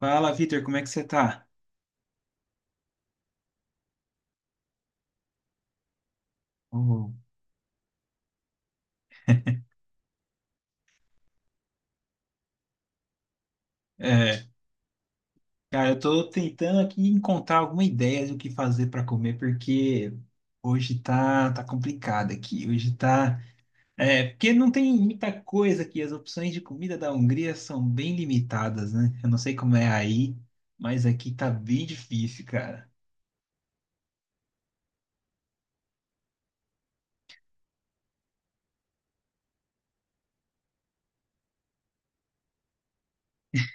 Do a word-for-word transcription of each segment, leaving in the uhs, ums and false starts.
Fala, Vitor, como é que você tá? Uhum. É, cara, eu tô tentando aqui encontrar alguma ideia do que fazer pra comer, porque hoje tá, tá complicado aqui. Hoje tá. É, porque não tem muita coisa aqui. As opções de comida da Hungria são bem limitadas, né? Eu não sei como é aí, mas aqui tá bem difícil, cara.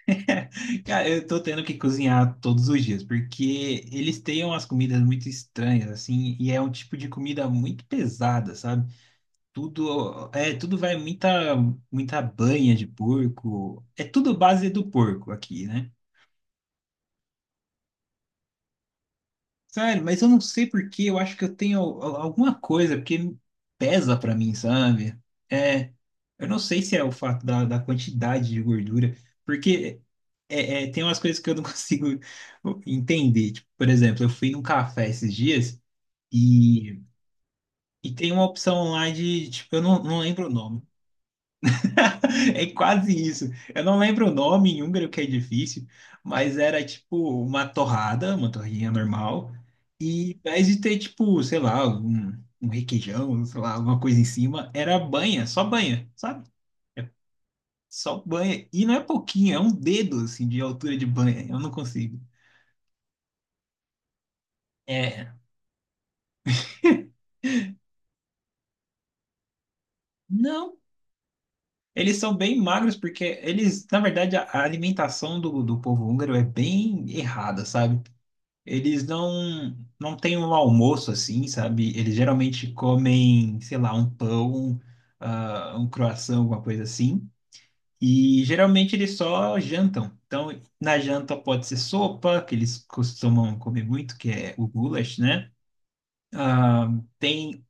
Cara, eu tô tendo que cozinhar todos os dias, porque eles têm umas comidas muito estranhas, assim, e é um tipo de comida muito pesada, sabe? Tudo, é, tudo vai muita, muita banha de porco. É tudo base do porco aqui, né? Sério, mas eu não sei por que, eu acho que eu tenho al- alguma coisa, porque pesa pra mim, sabe? É, eu não sei se é o fato da, da quantidade de gordura, porque é, é, tem umas coisas que eu não consigo entender. Tipo, por exemplo, eu fui num café esses dias e, e tem uma opção lá de, tipo, eu não, não lembro o nome. É quase isso. Eu não lembro o nome em húngaro, que é difícil, mas era tipo uma torrada, uma torrinha normal, e ao invés de ter tipo, sei lá, um, um requeijão, sei lá, alguma coisa em cima, era banha, só banha, sabe? Só banha. E não é pouquinho, é um dedo assim de altura de banha. Eu não consigo. É. Não, eles são bem magros porque eles, na verdade, a a alimentação do, do povo húngaro é bem errada, sabe? Eles não não têm um almoço assim, sabe? Eles geralmente comem, sei lá, um pão, ah, um croissant, alguma coisa assim. E geralmente eles só jantam. Então, na janta pode ser sopa, que eles costumam comer muito, que é o goulash, né? Ah, tem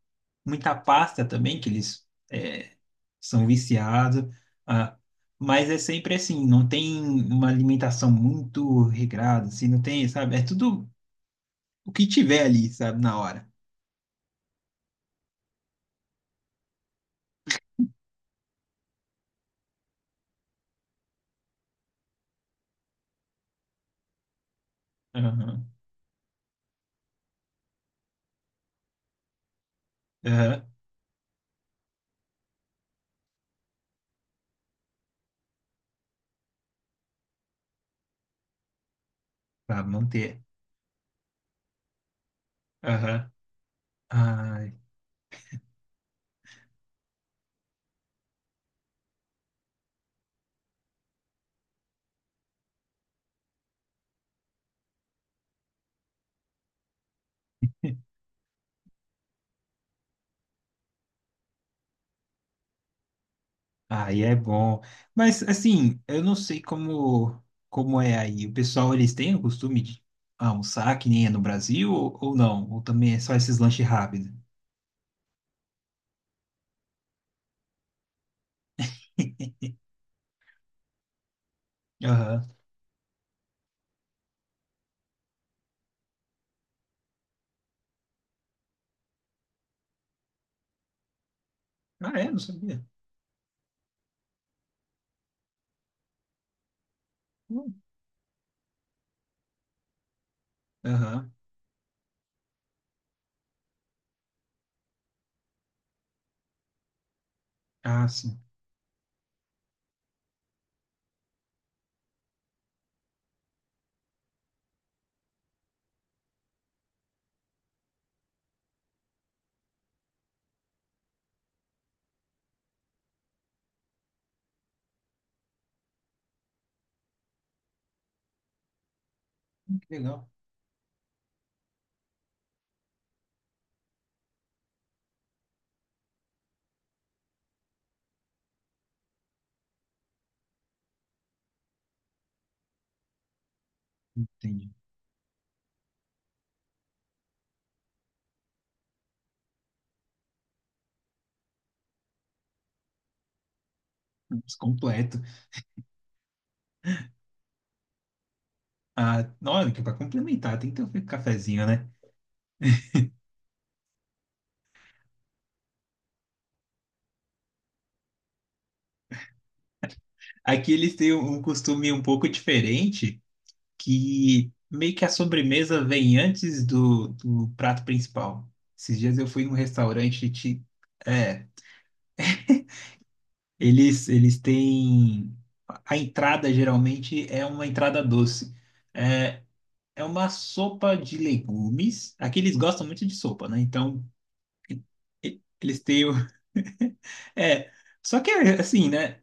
muita pasta também, que eles eh, são viciados. Ah, mas é sempre assim, não tem uma alimentação muito regrada, assim, não tem, sabe? É tudo o que tiver ali, sabe, na hora. Aham, aham, pra manter. Aham. Ai, aí é bom. Mas, assim, eu não sei como, como é aí. O pessoal, eles têm o costume de almoçar que nem é no Brasil ou, ou não? Ou também é só esses lanches rápidos? Aham. Ah, é? Não sabia. Hum. Aham. Ah, sim. Hum, que legal. Entendi. Putz, completo. Ah, na hora que para complementar, tem que ter um cafezinho, né? Aqui eles têm um costume um pouco diferente, que meio que a sobremesa vem antes do, do prato principal. Esses dias eu fui em um restaurante, ti- é, eles, eles têm, a entrada geralmente é uma entrada doce. É, é uma sopa de legumes, aqui eles gostam muito de sopa, né? Então, e- eles têm, o- é, só que é, assim, né?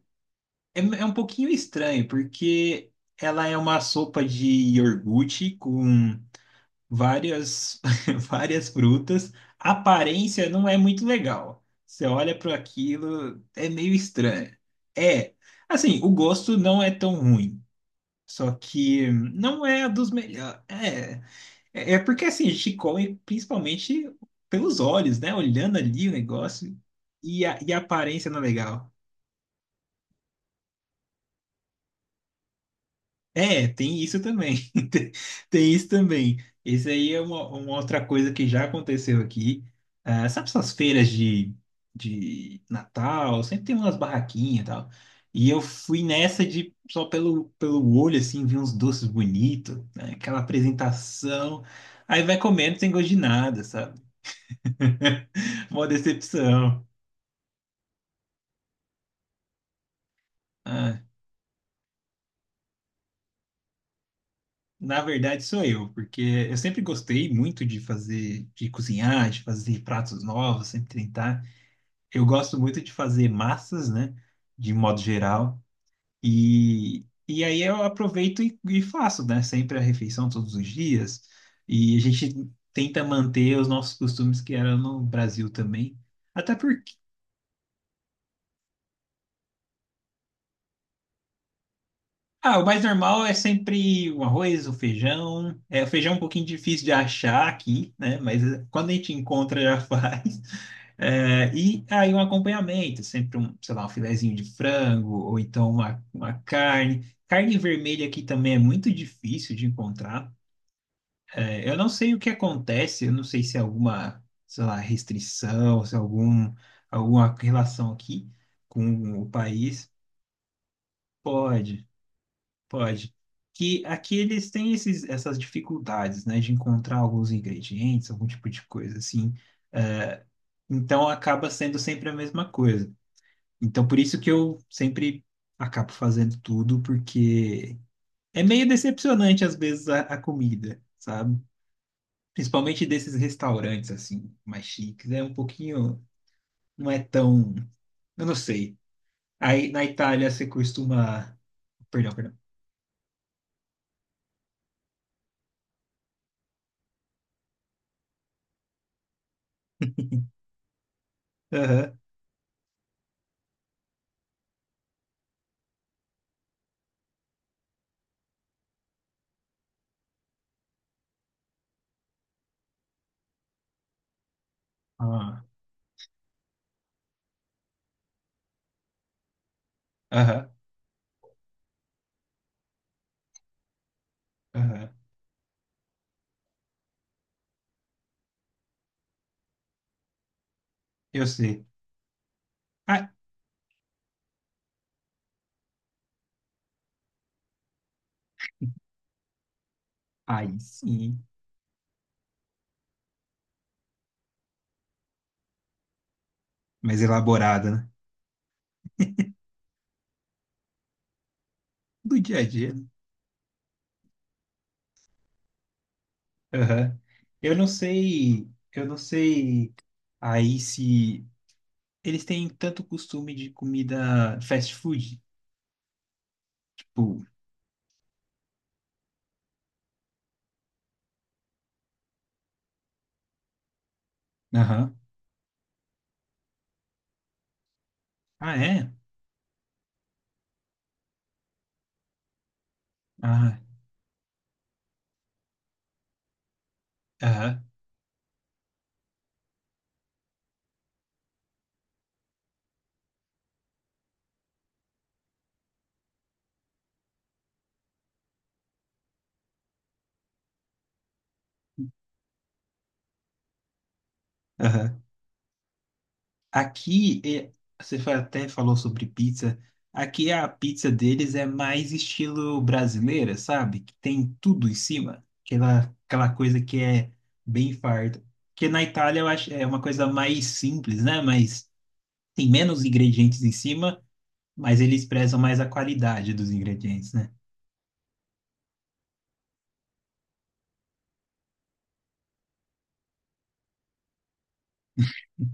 É, é um pouquinho estranho, porque ela é uma sopa de iogurte com várias, várias frutas. A aparência não é muito legal. Você olha para aquilo, é meio estranho. É, assim, o gosto não é tão ruim. Só que não é a dos melhores. É, é é porque assim, a gente come principalmente pelos olhos, né? Olhando ali o negócio e a, e a aparência não é legal. É, tem isso também. Tem tem isso também. Esse aí é uma, uma outra coisa que já aconteceu aqui. Ah, sabe essas feiras de, de Natal? Sempre tem umas barraquinhas e tal. E eu fui nessa de só pelo, pelo olho, assim, vi uns doces bonitos, né? Aquela apresentação. Aí vai comendo sem gosto de nada, sabe? Uma decepção. Ah, na verdade, sou eu, porque eu sempre gostei muito de fazer, de cozinhar, de fazer pratos novos, sempre tentar. Eu gosto muito de fazer massas, né? De modo geral. E, e aí eu aproveito e, e faço, né? Sempre a refeição todos os dias. E a gente tenta manter os nossos costumes que eram no Brasil também. Até porque, ah, o mais normal é sempre o arroz, o feijão. É, o feijão é um pouquinho difícil de achar aqui, né? Mas eh, quando a gente encontra, já faz. É, e aí um acompanhamento, sempre um, sei lá, um filezinho de frango, ou então uma, uma carne. Carne vermelha aqui também é muito difícil de encontrar. É, eu não sei o que acontece, eu não sei se é alguma, sei lá, restrição, se é algum, alguma relação aqui com o país. Pode, pode. Que aqui eles têm esses, essas dificuldades, né, de encontrar alguns ingredientes, algum tipo de coisa assim. É, então acaba sendo sempre a mesma coisa. Então, por isso que eu sempre acabo fazendo tudo, porque é meio decepcionante às vezes a, a comida, sabe? Principalmente desses restaurantes assim, mais chiques, é um pouquinho, não é tão, eu não sei. Aí na Itália você costuma, perdão, perdão. Aham. Ah, aham. Aham. Eu sei. Ah, aí sim, mais elaborada, né? Do dia a dia, né? Aham. Eu não sei, eu não sei aí se eles têm tanto costume de comida fast food, tipo, aham. Ah, é? Ah, aham, aham. Aqui, é- você fa- até falou sobre pizza. Aqui a pizza deles é mais estilo brasileira, sabe? Que tem tudo em cima. Aquela, aquela coisa que é bem farta. Porque na Itália eu acho é uma coisa mais simples, né? Mas tem menos ingredientes em cima, mas eles prezam mais a qualidade dos ingredientes, né?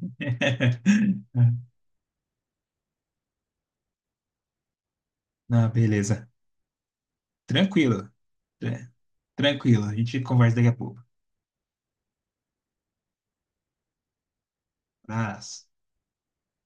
Ah, beleza. Tranquilo, tran- tranquilo. A gente conversa daqui a pouco. Abraço.